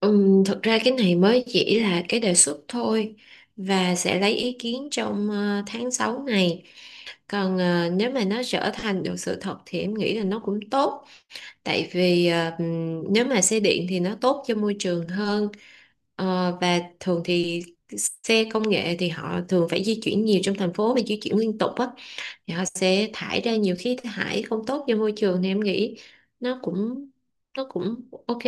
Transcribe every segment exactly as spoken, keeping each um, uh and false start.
Ừm, thực ra cái này mới chỉ là cái đề xuất thôi và sẽ lấy ý kiến trong ờ, tháng sáu này. Còn ờ, nếu mà nó trở thành được sự thật thì em nghĩ là nó cũng tốt. Tại vì ờ, ừm, nếu mà xe điện thì nó tốt cho môi trường hơn. Ờ, và thường thì xe công nghệ thì họ thường phải di chuyển nhiều trong thành phố và di chuyển liên tục á. Thì họ sẽ thải ra nhiều khí thải không tốt cho môi trường thì em nghĩ nó cũng nó cũng ok.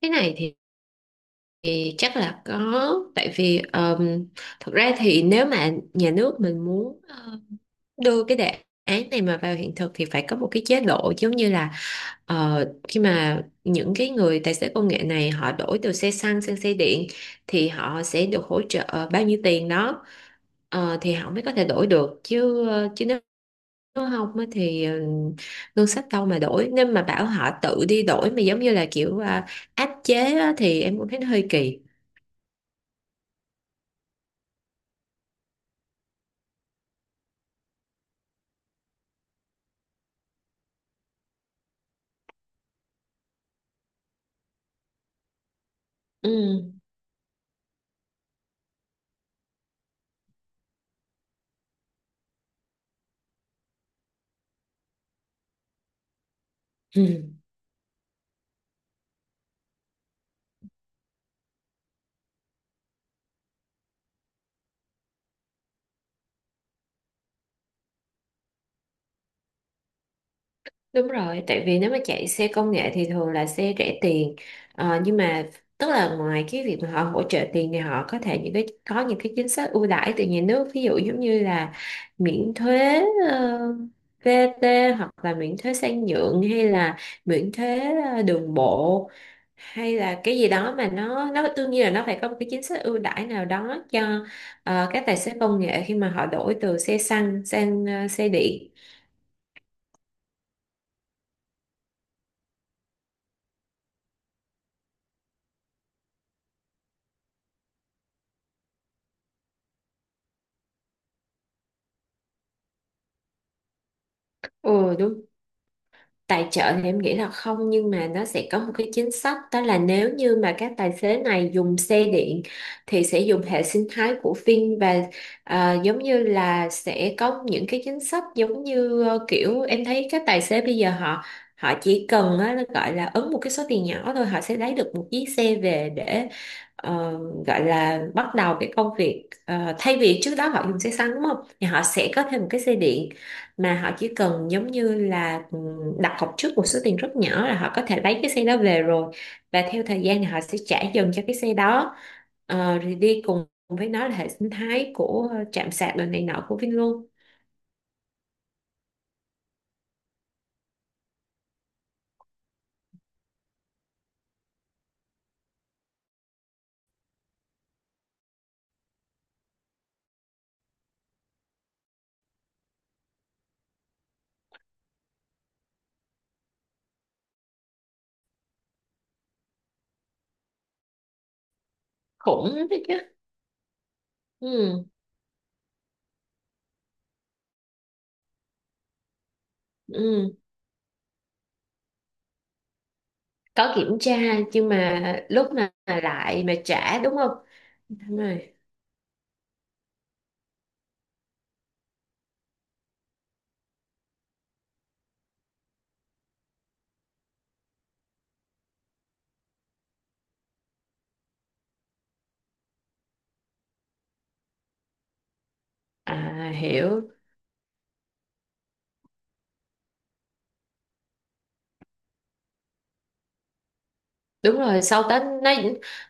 Cái này thì Thì chắc là có, tại vì um, thật ra thì nếu mà nhà nước mình muốn ờ, đưa cái đề án này mà vào hiện thực thì phải có một cái chế độ giống như là ờ, khi mà những cái người tài xế công nghệ này họ đổi từ xe xăng sang xe điện thì họ sẽ được hỗ trợ bao nhiêu tiền đó. Ờ, thì họ mới có thể đổi được chứ ờ, chứ nếu nếu không á thì ờ, ngân sách đâu mà đổi, nếu mà bảo họ tự đi đổi mà giống như là kiểu à, áp chế á thì em cũng thấy nó hơi kỳ. Ừ. Ừ, đúng rồi, tại vì nếu mà chạy xe công nghệ thì thường là xe rẻ tiền. Ờ, nhưng mà tức là ngoài cái việc mà họ hỗ trợ tiền thì họ có thể những cái có những cái chính sách ưu đãi từ nhà nước, ví dụ giống như là miễn thuế ờ, vát, hoặc là miễn thuế sang nhượng, hay là miễn thuế ờ, đường bộ, hay là cái gì đó mà nó nó đương nhiên là nó phải có một cái chính sách ưu đãi nào đó cho ờ, các tài xế công nghệ khi mà họ đổi từ xe xăng sang ờ, xe điện. Ừ, đúng. Tài trợ thì em nghĩ là không, nhưng mà nó sẽ có một cái chính sách, đó là nếu như mà các tài xế này dùng xe điện thì sẽ dùng hệ sinh thái của Vin, và ờ, giống như là sẽ có những cái chính sách giống như ờ, kiểu em thấy các tài xế bây giờ họ họ chỉ cần á, nó gọi là ấn một cái số tiền nhỏ thôi họ sẽ lấy được một chiếc xe về để ờ, gọi là bắt đầu cái công việc. Ờ, Thay vì trước đó họ dùng xe xăng đúng không, thì họ sẽ có thêm một cái xe điện, mà họ chỉ cần giống như là ừ, đặt cọc trước một số tiền rất nhỏ là họ có thể lấy cái xe đó về rồi, và theo thời gian thì họ sẽ trả dần cho cái xe đó. Ờ, rồi đi cùng với nó là hệ sinh thái của ờ, trạm sạc đồ này nọ của Vin luôn. Khủng đấy chứ. Ừ, ừ. Có kiểm tra, nhưng mà lúc mà lại mà trả đúng không. Đúng rồi. À, hiểu. Đúng rồi, sau Tết nó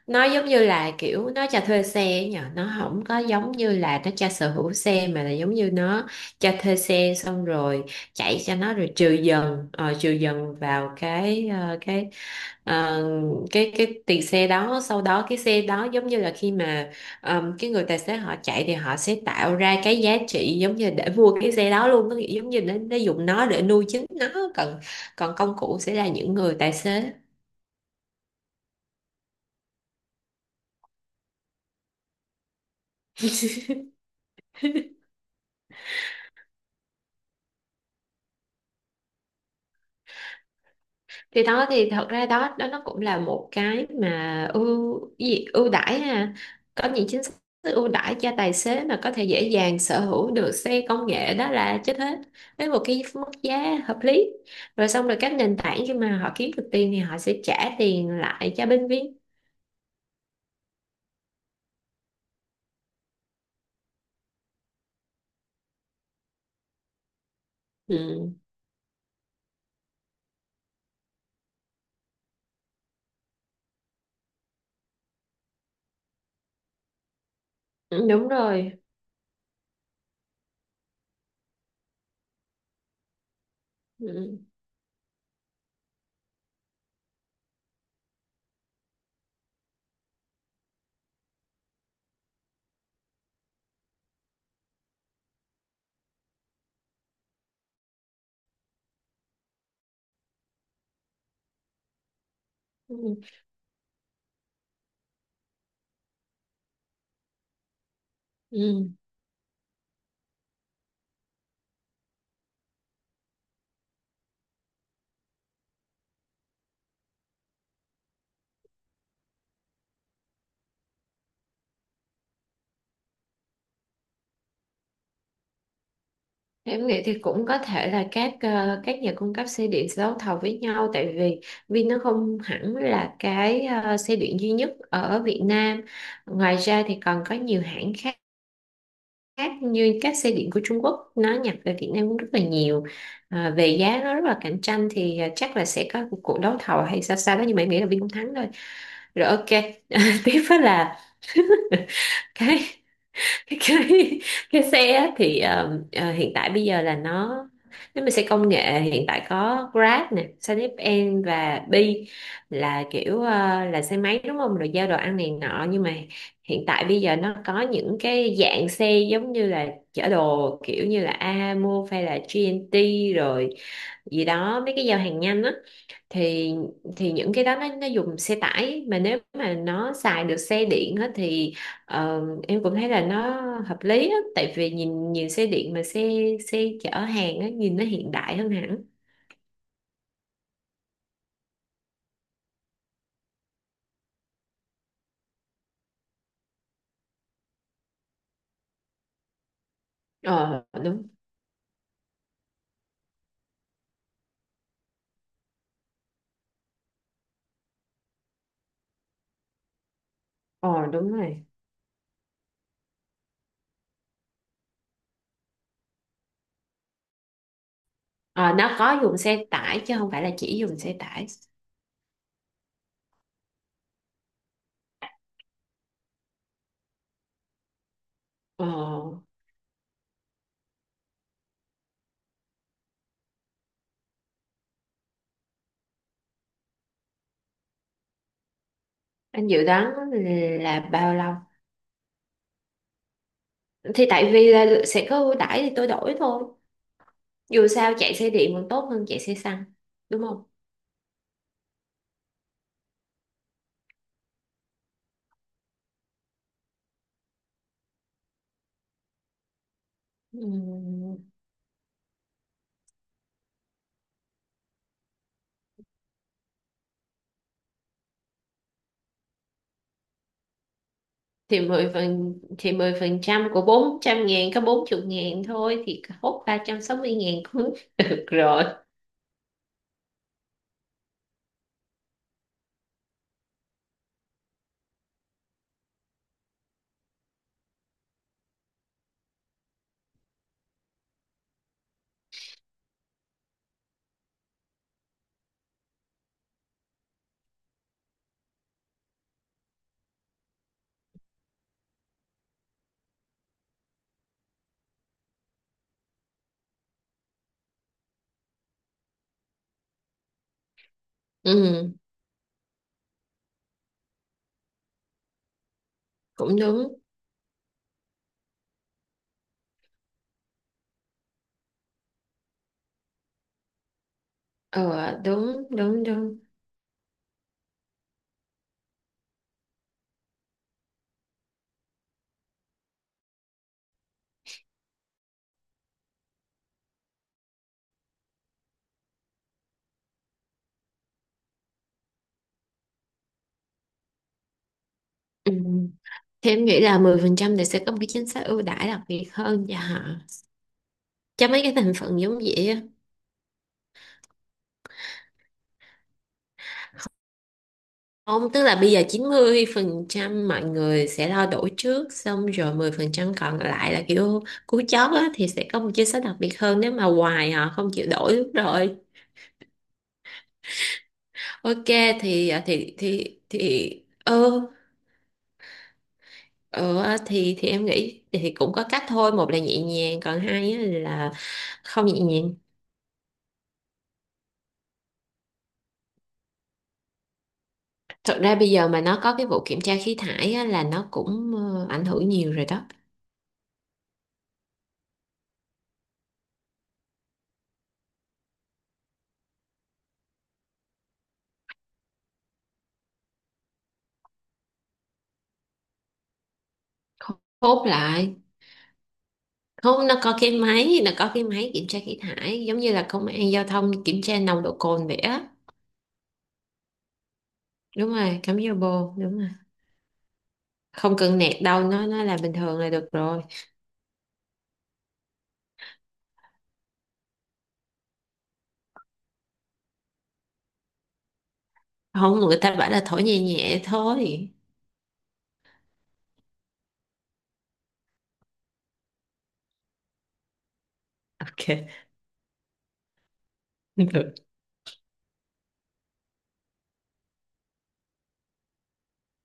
nó giống như là kiểu nó cho thuê xe ấy nhờ, nó không có giống như là nó cho sở hữu xe mà là giống như nó cho thuê xe xong rồi chạy cho nó, rồi trừ dần ờ, trừ dần vào cái ờ, cái ờ, cái cái tiền xe đó, sau đó cái xe đó giống như là khi mà ờm, cái người tài xế họ chạy thì họ sẽ tạo ra cái giá trị giống như để mua cái xe đó luôn, nó giống như nó, nó dùng nó để nuôi chính nó, còn còn công cụ sẽ là những người tài xế. Thì đó thì thật ra đó đó nó cũng là một cái mà ưu, cái gì, ưu đãi ha, có những chính sách ưu đãi cho tài xế mà có thể dễ dàng sở hữu được xe công nghệ đó là chết hết, với một cái mức giá hợp lý, rồi xong rồi các nền tảng khi mà họ kiếm được tiền thì họ sẽ trả tiền lại cho bên viên. Ừ. Ừ, đúng rồi. Ừ. Ừ. Ừ. Em nghĩ thì cũng có thể là các ờ, các nhà cung cấp xe điện sẽ đấu thầu với nhau, tại vì Vin nó không hẳn là cái ờ, xe điện duy nhất ở Việt Nam. Ngoài ra thì còn có nhiều hãng khác, khác như các xe điện của Trung Quốc nó nhập về Việt Nam cũng rất là nhiều. À, về giá nó rất là cạnh tranh thì ờ, chắc là sẽ có một cuộc đấu thầu hay sao sao đó, nhưng mà em nghĩ là Vin cũng thắng thôi. Rồi ok, tiếp đó là cái cái cái xe á thì ờ, ờ, hiện tại bây giờ là nó, nếu mà xe công nghệ hiện tại có Grab nè, SanepN và Bi là kiểu ờ, là xe máy đúng không? Rồi giao đồ ăn này nọ, nhưng mà hiện tại bây giờ nó có những cái dạng xe giống như là chở đồ kiểu như là Ahamove hay là giê en tê rồi gì đó, mấy cái giao hàng nhanh á, thì thì những cái đó nó nó dùng xe tải, mà nếu mà nó xài được xe điện á, thì ờ, em cũng thấy là nó hợp lý á, tại vì nhìn nhìn xe điện mà xe xe chở hàng á, nhìn nó hiện đại hơn hẳn. ờ Đúng. ờ Đúng rồi. ờ nó có dùng xe tải chứ không phải là chỉ dùng xe tải. ờ anh dự đoán là bao lâu thì tại vì là sẽ có ưu đãi thì tôi đổi thôi, dù sao chạy xe điện còn tốt hơn chạy xe xăng đúng không. Ừ. thì mười phần thì mười phần trăm của bốn trăm ngàn có bốn chục ngàn thôi, thì hốt ba trăm sáu mươi ngàn cũng được rồi. Ừ, cũng đúng. ờ Đúng đúng đúng. Ừ. Thì em nghĩ là mười phần trăm thì sẽ có một cái chính sách ưu đãi đặc biệt hơn cho họ, cho mấy cái thành phần giống vậy á. Không, tức là bây giờ chín mươi phần trăm mọi người sẽ lo đổi trước, xong rồi mười phần trăm còn lại là kiểu cú chót á, thì sẽ có một chính sách đặc biệt hơn nếu mà hoài họ không chịu đổi lúc rồi. Ok thì à, thì thì thì ừ, ừ, à, thì thì em nghĩ thì cũng có cách thôi, một là nhẹ nhàng, còn hai á là không nhẹ nhàng. Thật ra bây giờ mà nó có cái vụ kiểm tra khí thải á, là nó cũng ờ, ảnh hưởng nhiều rồi đó. Hốt lại. Không, nó có cái máy nó có cái máy kiểm tra khí thải giống như là công an giao thông kiểm tra nồng độ cồn vậy á. Đúng rồi, cắm vô bồ, đúng rồi. Không cần nẹt đâu, nó nó là bình thường là được rồi. Không, người ta bảo là thổi nhẹ nhẹ thôi. Ok, được